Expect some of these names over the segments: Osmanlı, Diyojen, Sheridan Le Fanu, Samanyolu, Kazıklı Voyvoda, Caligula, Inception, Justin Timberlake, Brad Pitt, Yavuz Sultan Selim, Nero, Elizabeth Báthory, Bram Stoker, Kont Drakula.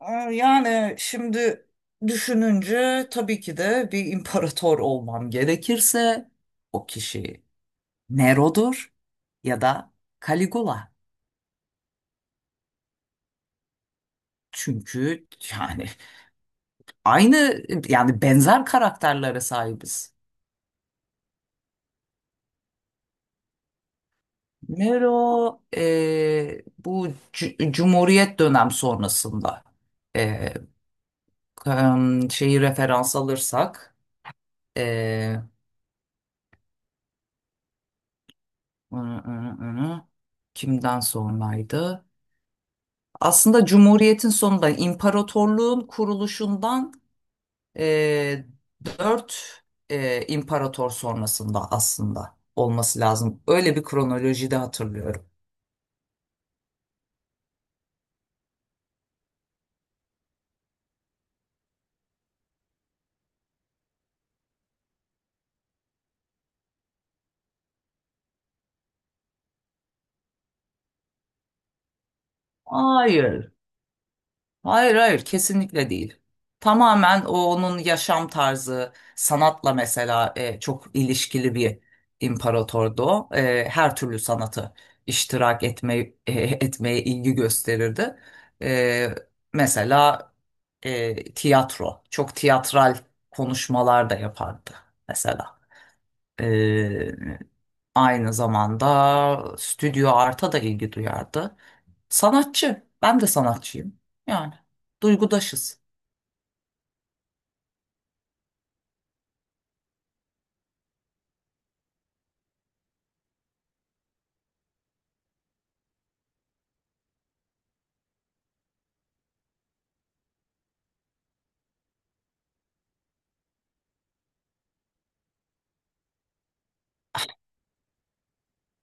Ee, Yani şimdi düşününce tabii ki de bir imparator olmam gerekirse o kişi Nero'dur ya da Caligula. Çünkü yani aynı yani benzer karakterlere sahibiz. Nero bu Cumhuriyet dönem sonrasında e, şeyi referans alırsak e, ı- ı- ı- kimden sonraydı? Aslında Cumhuriyet'in sonunda imparatorluğun kuruluşundan e, dört imparator sonrasında aslında olması lazım. Öyle bir kronolojide hatırlıyorum. Hayır. Hayır, hayır, kesinlikle değil. Tamamen onun yaşam tarzı, sanatla mesela çok ilişkili bir imparatordu o. Her türlü sanatı iştirak etme, etmeye ilgi gösterirdi. E, Mesela tiyatro, çok tiyatral konuşmalar da yapardı mesela. E, Aynı zamanda stüdyo arta da ilgi duyardı. Sanatçı. Ben de sanatçıyım. Yani duygudaşız.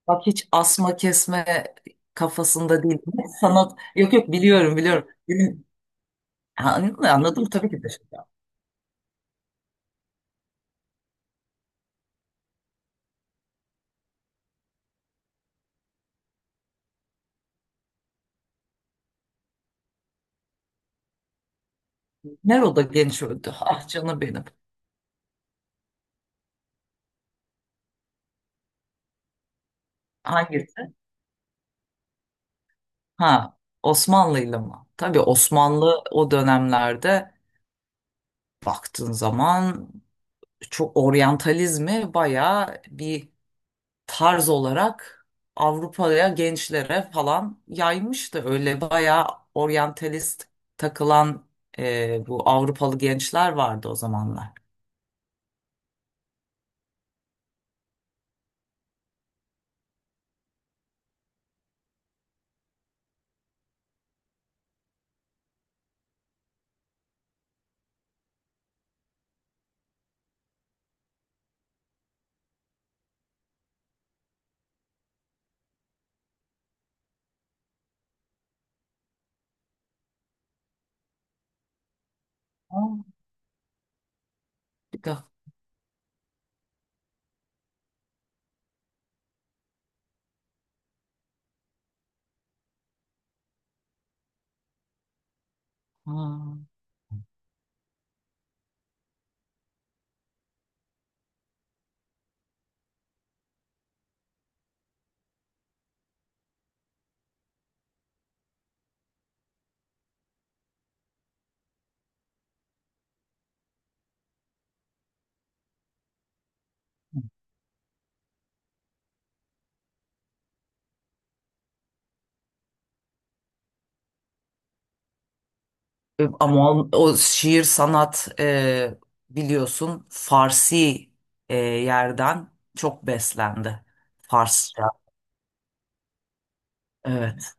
Bak hiç asma kesme kafasında değil. Sanat, yok yok, biliyorum biliyorum. Benim. Anladım, anladım, tabii ki de. Nero'da genç öldü. Ah canım benim. Hangisi? Ha, Osmanlı'yla mı? Tabii Osmanlı o dönemlerde baktığın zaman çok oryantalizmi bayağı bir tarz olarak Avrupa'ya gençlere falan yaymıştı. Öyle bayağı oryantalist takılan bu Avrupalı gençler vardı o zamanlar. Aa. Bir de- Ha. Ama o şiir sanat biliyorsun Farsi yerden çok beslendi. Farsça. Evet.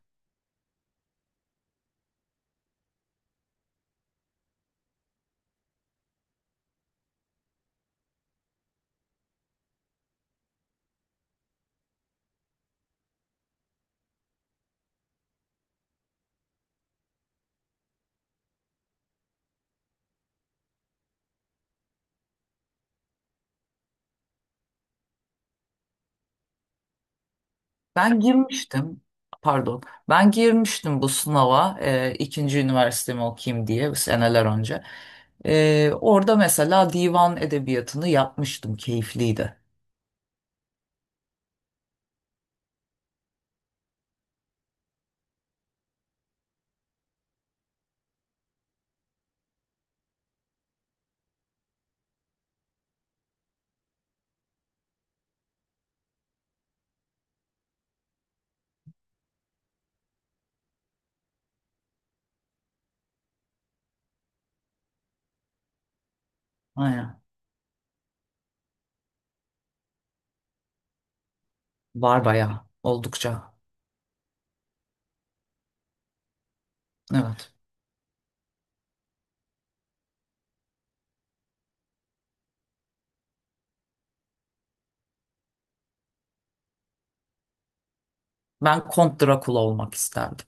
Ben girmiştim, pardon, ben girmiştim bu sınava ikinci üniversitemi okuyayım diye seneler önce. Orada mesela divan edebiyatını yapmıştım, keyifliydi. Aynen. Var bayağı, oldukça. Evet. Ben Kont Drakula olmak isterdim.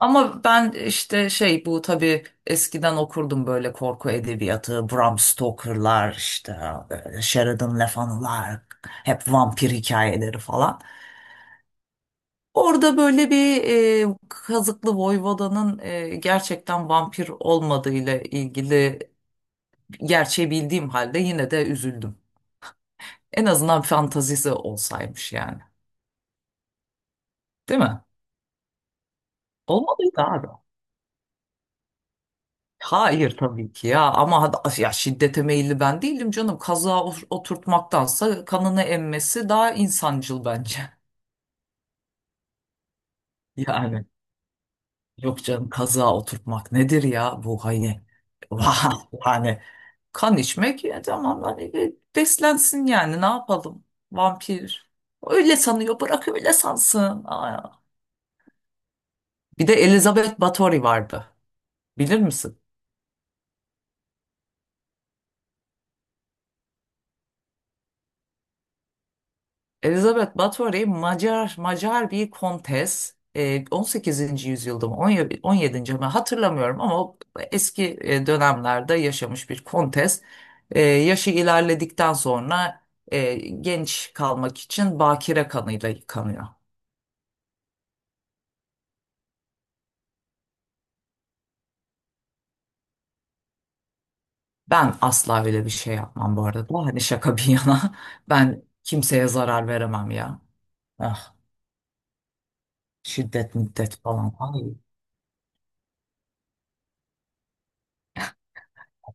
Ama ben işte şey bu tabii eskiden okurdum böyle korku edebiyatı. Bram Stoker'lar işte böyle Sheridan Le Fanu'lar hep vampir hikayeleri falan. Orada böyle bir Kazıklı Voyvoda'nın gerçekten vampir olmadığıyla ilgili gerçeği bildiğim halde yine de üzüldüm. En azından fantazisi olsaymış yani. Değil mi? Olmalıydı abi. Hayır tabii ki ya ama ya şiddete meyilli ben değilim canım. Kazığa oturtmaktansa kanını emmesi daha insancıl bence. Yani yok canım, kazığa oturtmak nedir ya bu hani yani kan içmek ya, tamam hani beslensin yani, ne yapalım, vampir. Öyle sanıyor, bırak öyle sansın. Aa. Bir de Elizabeth Bathory vardı, bilir misin? Elizabeth Báthory Macar bir kontes. 18. yüzyılda mı, 17., 17. mi hatırlamıyorum, ama o eski dönemlerde yaşamış bir kontes. Yaşı ilerledikten sonra genç kalmak için bakire kanıyla yıkanıyor. Ben asla öyle bir şey yapmam bu arada. Hani şaka bir yana, ben kimseye zarar veremem ya. Ah, şiddet müddet falan. Ay.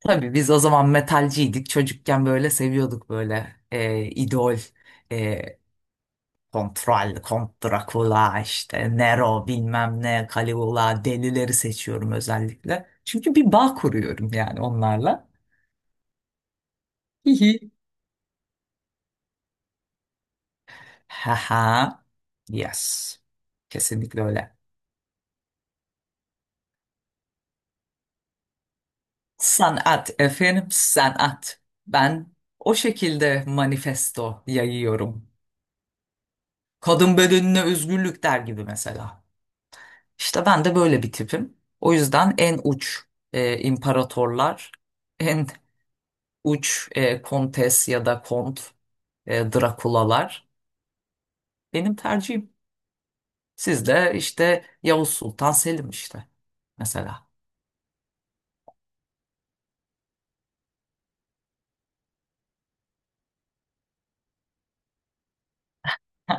Tabii biz o zaman metalciydik. Çocukken böyle seviyorduk böyle idol, e, Kontral, Kont Drakula, işte Nero bilmem ne, Caligula delileri seçiyorum özellikle. Çünkü bir bağ kuruyorum yani onlarla. Hihi. Haha. Yes. Kesinlikle öyle. Sanat efendim, sanat. Ben o şekilde manifesto yayıyorum. Kadın bedenine özgürlük der gibi mesela. İşte ben de böyle bir tipim. O yüzden en uç imparatorlar, en uç kontes ya da kont, Drakulalar benim tercihim. Siz de işte Yavuz Sultan Selim işte, mesela. Ha.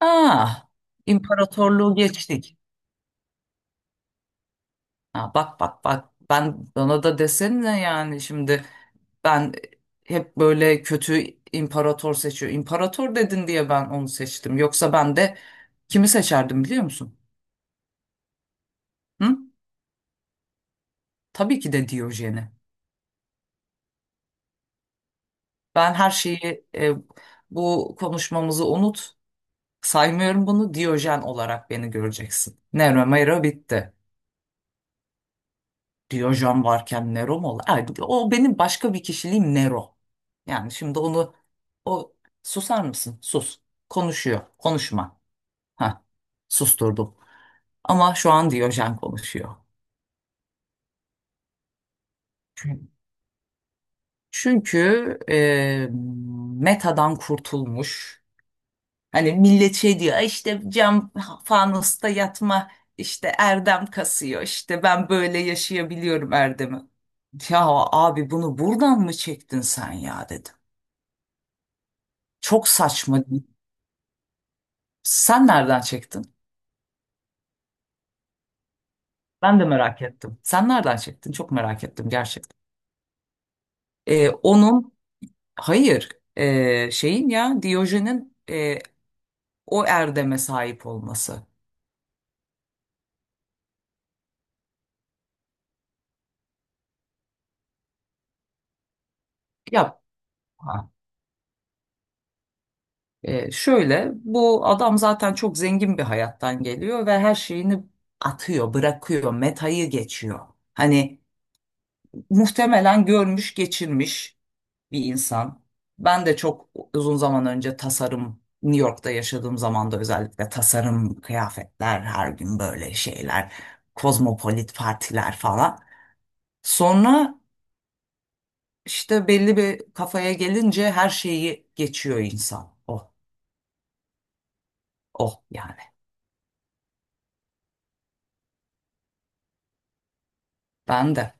Ah, imparatorluğu geçtik. Ha, bak bak bak, ben bana da desene yani şimdi ben hep böyle kötü imparator seçiyor. İmparator dedin diye ben onu seçtim. Yoksa ben de kimi seçerdim biliyor musun? Hı? Tabii ki de Diyojen'i. Ben her şeyi bu konuşmamızı unut. Saymıyorum bunu, Diyojen olarak beni göreceksin. Nero Mero bitti. Diyojen varken Nero mu olur? Ay, o benim başka bir kişiliğim Nero. Yani şimdi onu, o, susar mısın? Sus. Konuşuyor. Konuşma. Ha, susturdum. Ama şu an Diyojen konuşuyor. Çünkü, çünkü metadan kurtulmuş. Hani millet şey diyor, "Ay işte cam fanusta yatma, işte erdem kasıyor, işte ben böyle yaşayabiliyorum erdemi." Ya abi bunu buradan mı çektin sen ya, dedim. Çok saçma değil. Sen nereden çektin? Ben de merak ettim. Sen nereden çektin? Çok merak ettim gerçekten. Onun hayır, şeyin ya, Diyojen'in o erdeme sahip olması. Ya, şöyle, bu adam zaten çok zengin bir hayattan geliyor ve her şeyini atıyor, bırakıyor, metayı geçiyor. Hani muhtemelen görmüş, geçirmiş bir insan. Ben de çok uzun zaman önce tasarım, New York'ta yaşadığım zaman da özellikle tasarım, kıyafetler, her gün böyle şeyler, kozmopolit partiler falan. Sonra işte belli bir kafaya gelince her şeyi geçiyor insan. Oh, oh yani. Ben de.